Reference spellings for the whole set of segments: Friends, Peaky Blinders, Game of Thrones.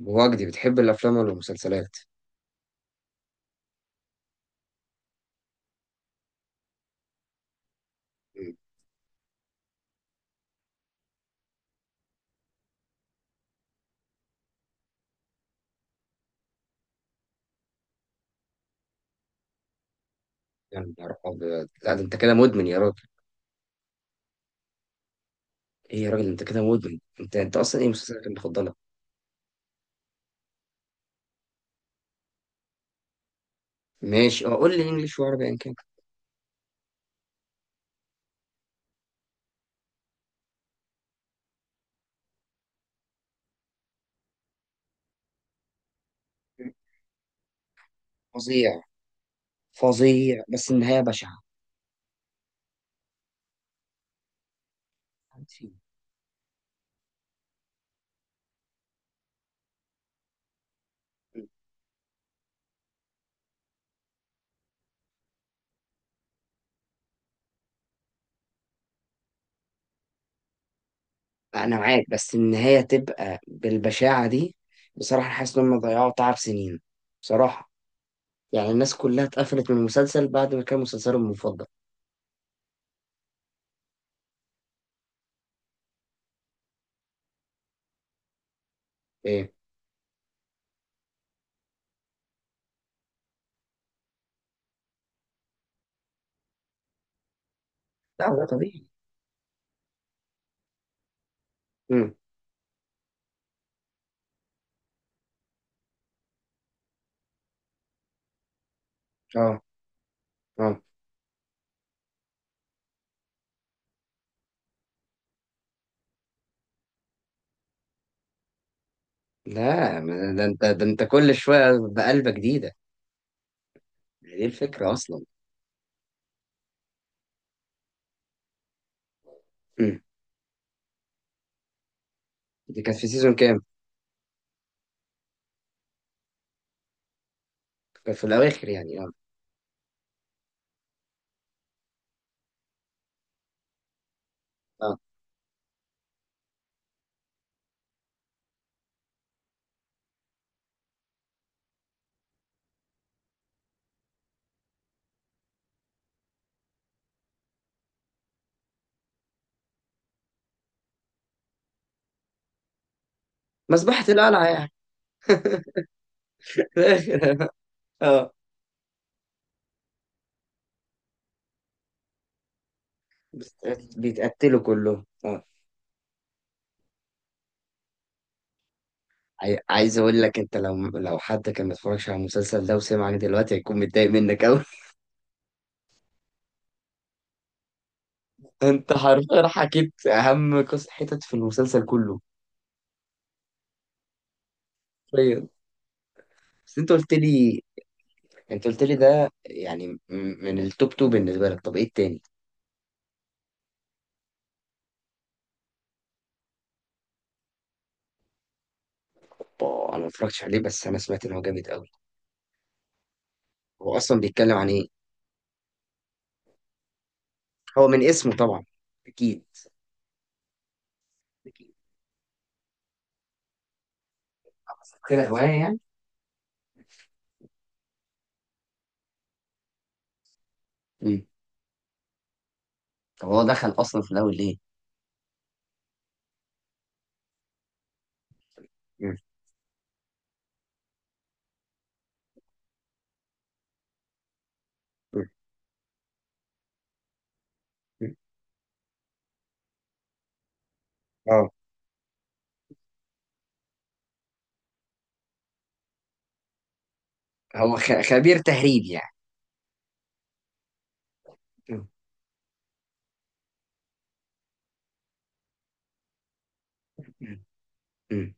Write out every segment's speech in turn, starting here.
وجدي، بتحب الافلام ولا المسلسلات؟ مم. يعني يا نهار أبيض! لا، ده انت كده مدمن يا راجل. ايه يا راجل، انت كده مدمن. انت اصلا ايه مسلسلاتك المفضله؟ ماشي، اه قول لي انجليش وعربي ان كان. مم. فظيع. فظيع، بس النهايه بشعه. مم. انا معاك، بس النهايه تبقى بالبشاعه دي. بصراحه حاسس ان هم ضيعوا تعب سنين. بصراحه. يعني الناس كلها اتقفلت من المسلسل بعد ما كان مسلسلهم المفضل. ايه. لا، ده طبيعي. امم. اه. اه، لا، ده انت كل شويه بقلبه جديده. دي الفكره اصلا. مم. دي كانت في سيزون كام؟ كانت في الاواخر يعني، اه. اه، مذبحه القلعه يعني. في الاخر. اه، بس- بيتقتلوا كلهم، اه. عايز اقول لك، انت لو، حد كان متفرجش على المسلسل ده وسمعني دلوقتي هيكون متضايق منك قوي. انت حرفيا حكيت اهم قصه حتت في المسلسل كله. حرفيا. بس انت قلت لي. انت قلت لي ده يعني، من التوب تو بالنسبه لك، طب ايه التاني؟ آه، انا ما اتفرجتش عليه، بس انا سمعت ان هو جامد قوي. هو اصلا بيتكلم عن ايه؟ هو من اسمه طبعا. اكيد. اكيد، كده هواية يعني. مم. طب هو دخل اصلا في الاول ليه؟ مم. مم. مم. اه، هو خبير تهريب يعني. مم. مم. مم.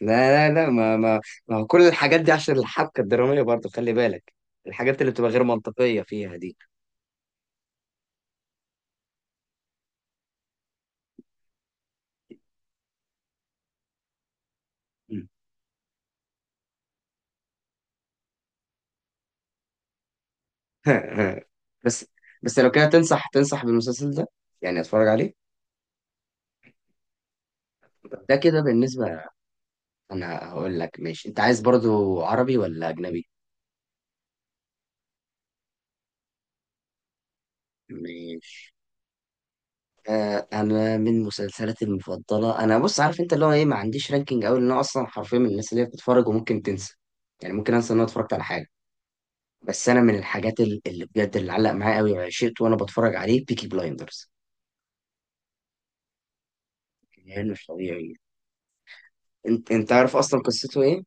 لا، لا، لا، ما هو كل الحاجات دي عشان الحبكة الدرامية برضو، خلي بالك. الحاجات اللي بتبقى غير منطقية فيها دي. مم. بس. بس لو كده تنصح، بالمسلسل ده؟ يعني اتفرج عليه؟ ده كده بالنسبة. انا هقول لك، ماشي. انت عايز برضو عربي ولا اجنبي؟ ماشي. آه، انا من مسلسلاتي المفضله، انا بص عارف انت اللي هو ايه، ما عنديش رانكينج قوي، لان انا اصلا حرفيا من الناس اللي هي بتتفرج وممكن تنسى. يعني ممكن انسى ان انا اتفرجت على حاجه. بس انا من الحاجات اللي بجد، اللي علق معايا قوي وعشقت وانا بتفرج عليه، بيكي بلايندرز. يعني مش طبيعي. انت عارف اصلا قصته ايه؟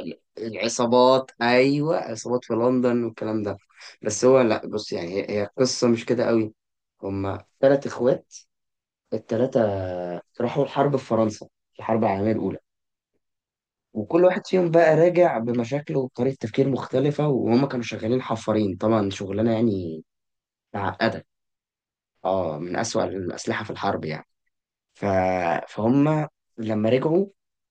العصابات، ايوه، عصابات في لندن والكلام ده. بس هو، لا بص، يعني هي قصه مش كده قوي. هما ثلاث اخوات. التلاتة راحوا الحرب في فرنسا، في الحرب العالمية الأولى. وكل واحد فيهم بقى راجع بمشاكله وبطريقة تفكير مختلفة، وهم كانوا شغالين حفارين طبعا، شغلانة يعني معقدة. اه، من أسوأ الأسلحة في الحرب يعني. ف... فهم لما رجعوا،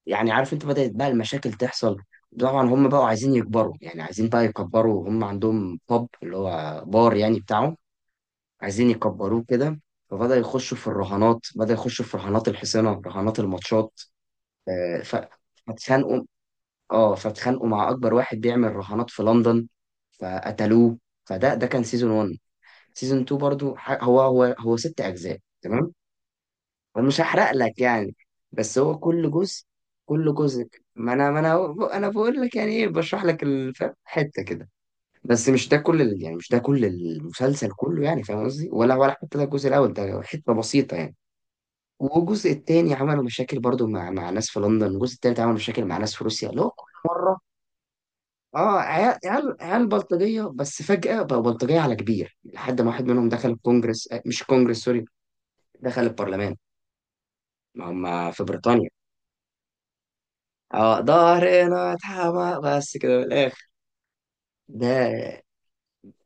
يعني عارف انت، بدأت بقى المشاكل تحصل. طبعا هم بقوا عايزين يكبروا، يعني عايزين بقى يكبروا. هم عندهم بوب اللي هو بار يعني بتاعهم، عايزين يكبروه كده. فبدأ يخشوا في الرهانات، بدأ يخشوا في رهانات الحصينة، رهانات الماتشات. آه، فاتخانقوا. اه، فاتخانقوا مع اكبر واحد بيعمل رهانات في لندن، فقتلوه. فده كان سيزون 1. سيزون 2 برضو، هو ست اجزاء تمام. انا مش هحرق لك يعني، بس هو كل جزء. كل جزء. ما انا بقول لك يعني ايه، بشرح لك الفهم حته كده. بس مش ده كل يعني مش ده كل المسلسل كله، يعني فاهم قصدي، ولا حتى ده الجزء الاول، ده حته بسيطه يعني. والجزء التاني عملوا مشاكل برضو مع ناس في لندن، والجزء التالت عملوا مشاكل مع ناس في روسيا، اللي هو كل مرة. اه، عيال، عيال عيال بلطجية، بس فجأة بقوا بلطجية على كبير، لحد ما واحد منهم دخل الكونجرس. آه، مش الكونجرس، سوري. دخل البرلمان، ما هم في بريطانيا. اه، ظهرنا اتحمى، بس كده من الآخر. ده،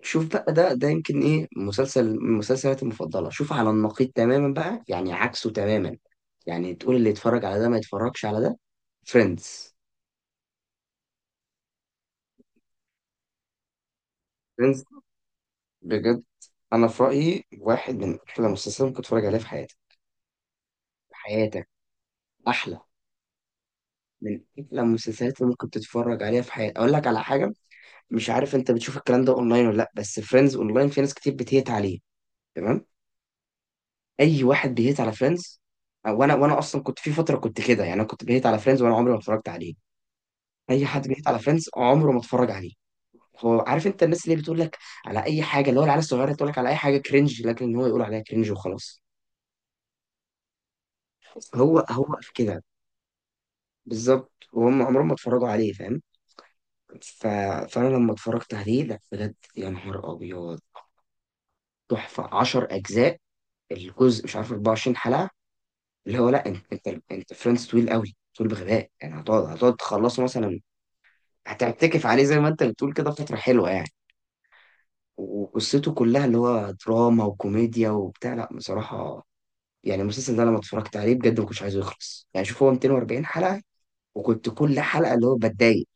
شوف بقى، ده يمكن ايه مسلسل من مسلسلاتي المفضلة. شوف على النقيض تماما بقى، يعني عكسه تماما. يعني تقول اللي يتفرج على ده ما يتفرجش على ده. فريندز. بجد، انا في رايي واحد من احلى المسلسلات اللي ممكن تتفرج عليها في حياتك. في حياتك. احلى. من احلى المسلسلات اللي ممكن تتفرج عليها في حياتك. اقول لك على حاجه، مش عارف انت بتشوف الكلام ده اونلاين ولا لا، بس فريندز اونلاين في ناس كتير بتهيت عليه. تمام. اي واحد بيهيت على فريندز، او انا، وانا اصلا كنت في فتره كنت كده يعني، انا كنت بيهيت على فريندز وانا عمري ما اتفرجت عليه. اي حد بيهيت على فريندز عمره ما اتفرج عليه. هو عارف انت الناس اللي بتقول لك على اي حاجه، اللي هو العيال الصغيره تقول لك على اي حاجه كرنج، لكن هو يقول عليها كرنج وخلاص. هو هو في كده. بالظبط، وهم عمرهم ما اتفرجوا عليه، فاهم. ف... فانا لما اتفرجت عليه، لا بجد يا نهار ابيض. تحفه، 10 اجزاء، الجزء مش عارف 24 حلقه. اللي هو لا، انت فريندز طويل قوي، طول بغباء يعني. هتقعد، تخلصه مثلا. هتعتكف عليه زي ما انت بتقول كده فتره حلوه يعني. وقصته كلها، اللي هو دراما وكوميديا وبتاع، لا بصراحه. يعني المسلسل ده لما اتفرجت عليه بجد ما كنتش عايزه يخلص يعني. شوف، هو 240 حلقه، وكنت كل حلقه اللي هو بتضايق.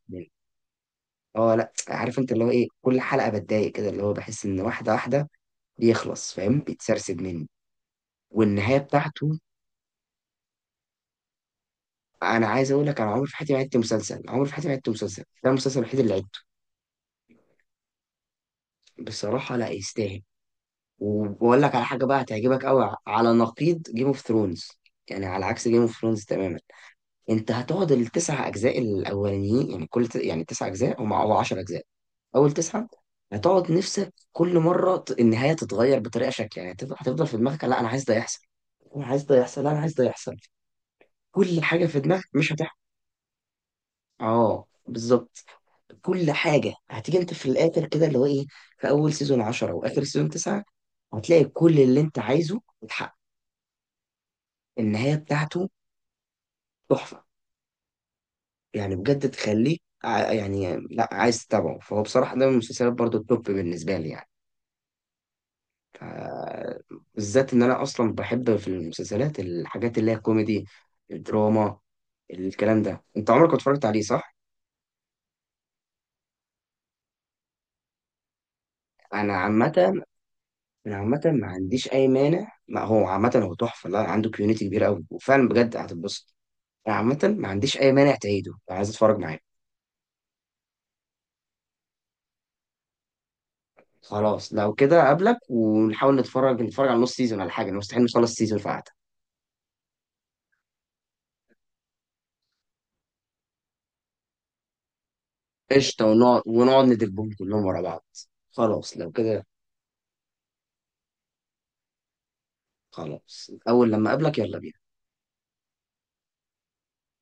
اه، لا عارف انت اللي هو ايه، كل حلقه بتضايق كده، اللي هو بحس ان واحده واحده بيخلص، فاهم، بيتسرسب مني. والنهايه بتاعته. انا عايز اقول لك، انا عمري في حياتي ما عدت مسلسل، عمري في حياتي ما عدت مسلسل، ده المسلسل الوحيد اللي عدته. بصراحه، لا يستاهل. وبقول لك على حاجه بقى هتعجبك قوي، على نقيض جيم اوف ثرونز، يعني على عكس جيم اوف ثرونز تماما. انت هتقعد التسع اجزاء الاولانيين، يعني كل، يعني تسع اجزاء هم، او 10 اجزاء. اول تسعه. هتقعد نفسك كل مره، النهايه تتغير بطريقه شكل، يعني هتفضل، في دماغك لا انا عايز ده يحصل، انا عايز ده يحصل، لا انا عايز ده يحصل. كل حاجه في دماغك مش هتحصل. اه، بالظبط. كل حاجه هتيجي انت في الاخر كده اللي هو ايه، في اول سيزون 10 واخر سيزون 9، هتلاقي كل اللي انت عايزه اتحقق. النهايه بتاعته تحفه. يعني بجد تخليك، يعني لا، عايز تتابعه. فهو بصراحة ده من المسلسلات برضو التوب بالنسبة لي يعني. ف- بالذات ان انا اصلا بحب في المسلسلات الحاجات اللي هي كوميدي، الدراما، الكلام ده. انت عمرك ما اتفرجت عليه صح؟ انا عامة. انا عامة ما عنديش اي مانع، ما هو عامة هو تحفة. لا عنده كيونيتي كبيرة قوي وفعلا بجد هتتبسط. انا عامة ما عنديش اي مانع تعيده لو عايز اتفرج معاك. خلاص لو كده اقابلك، ونحاول نتفرج، على نص سيزون ولا حاجة. أنا مستحيل نخلص سيزون في قعدة. قشطة، ونقعد، ندبهم كلهم ورا بعض. خلاص لو كده. خلاص أول لما أقابلك يلا بينا.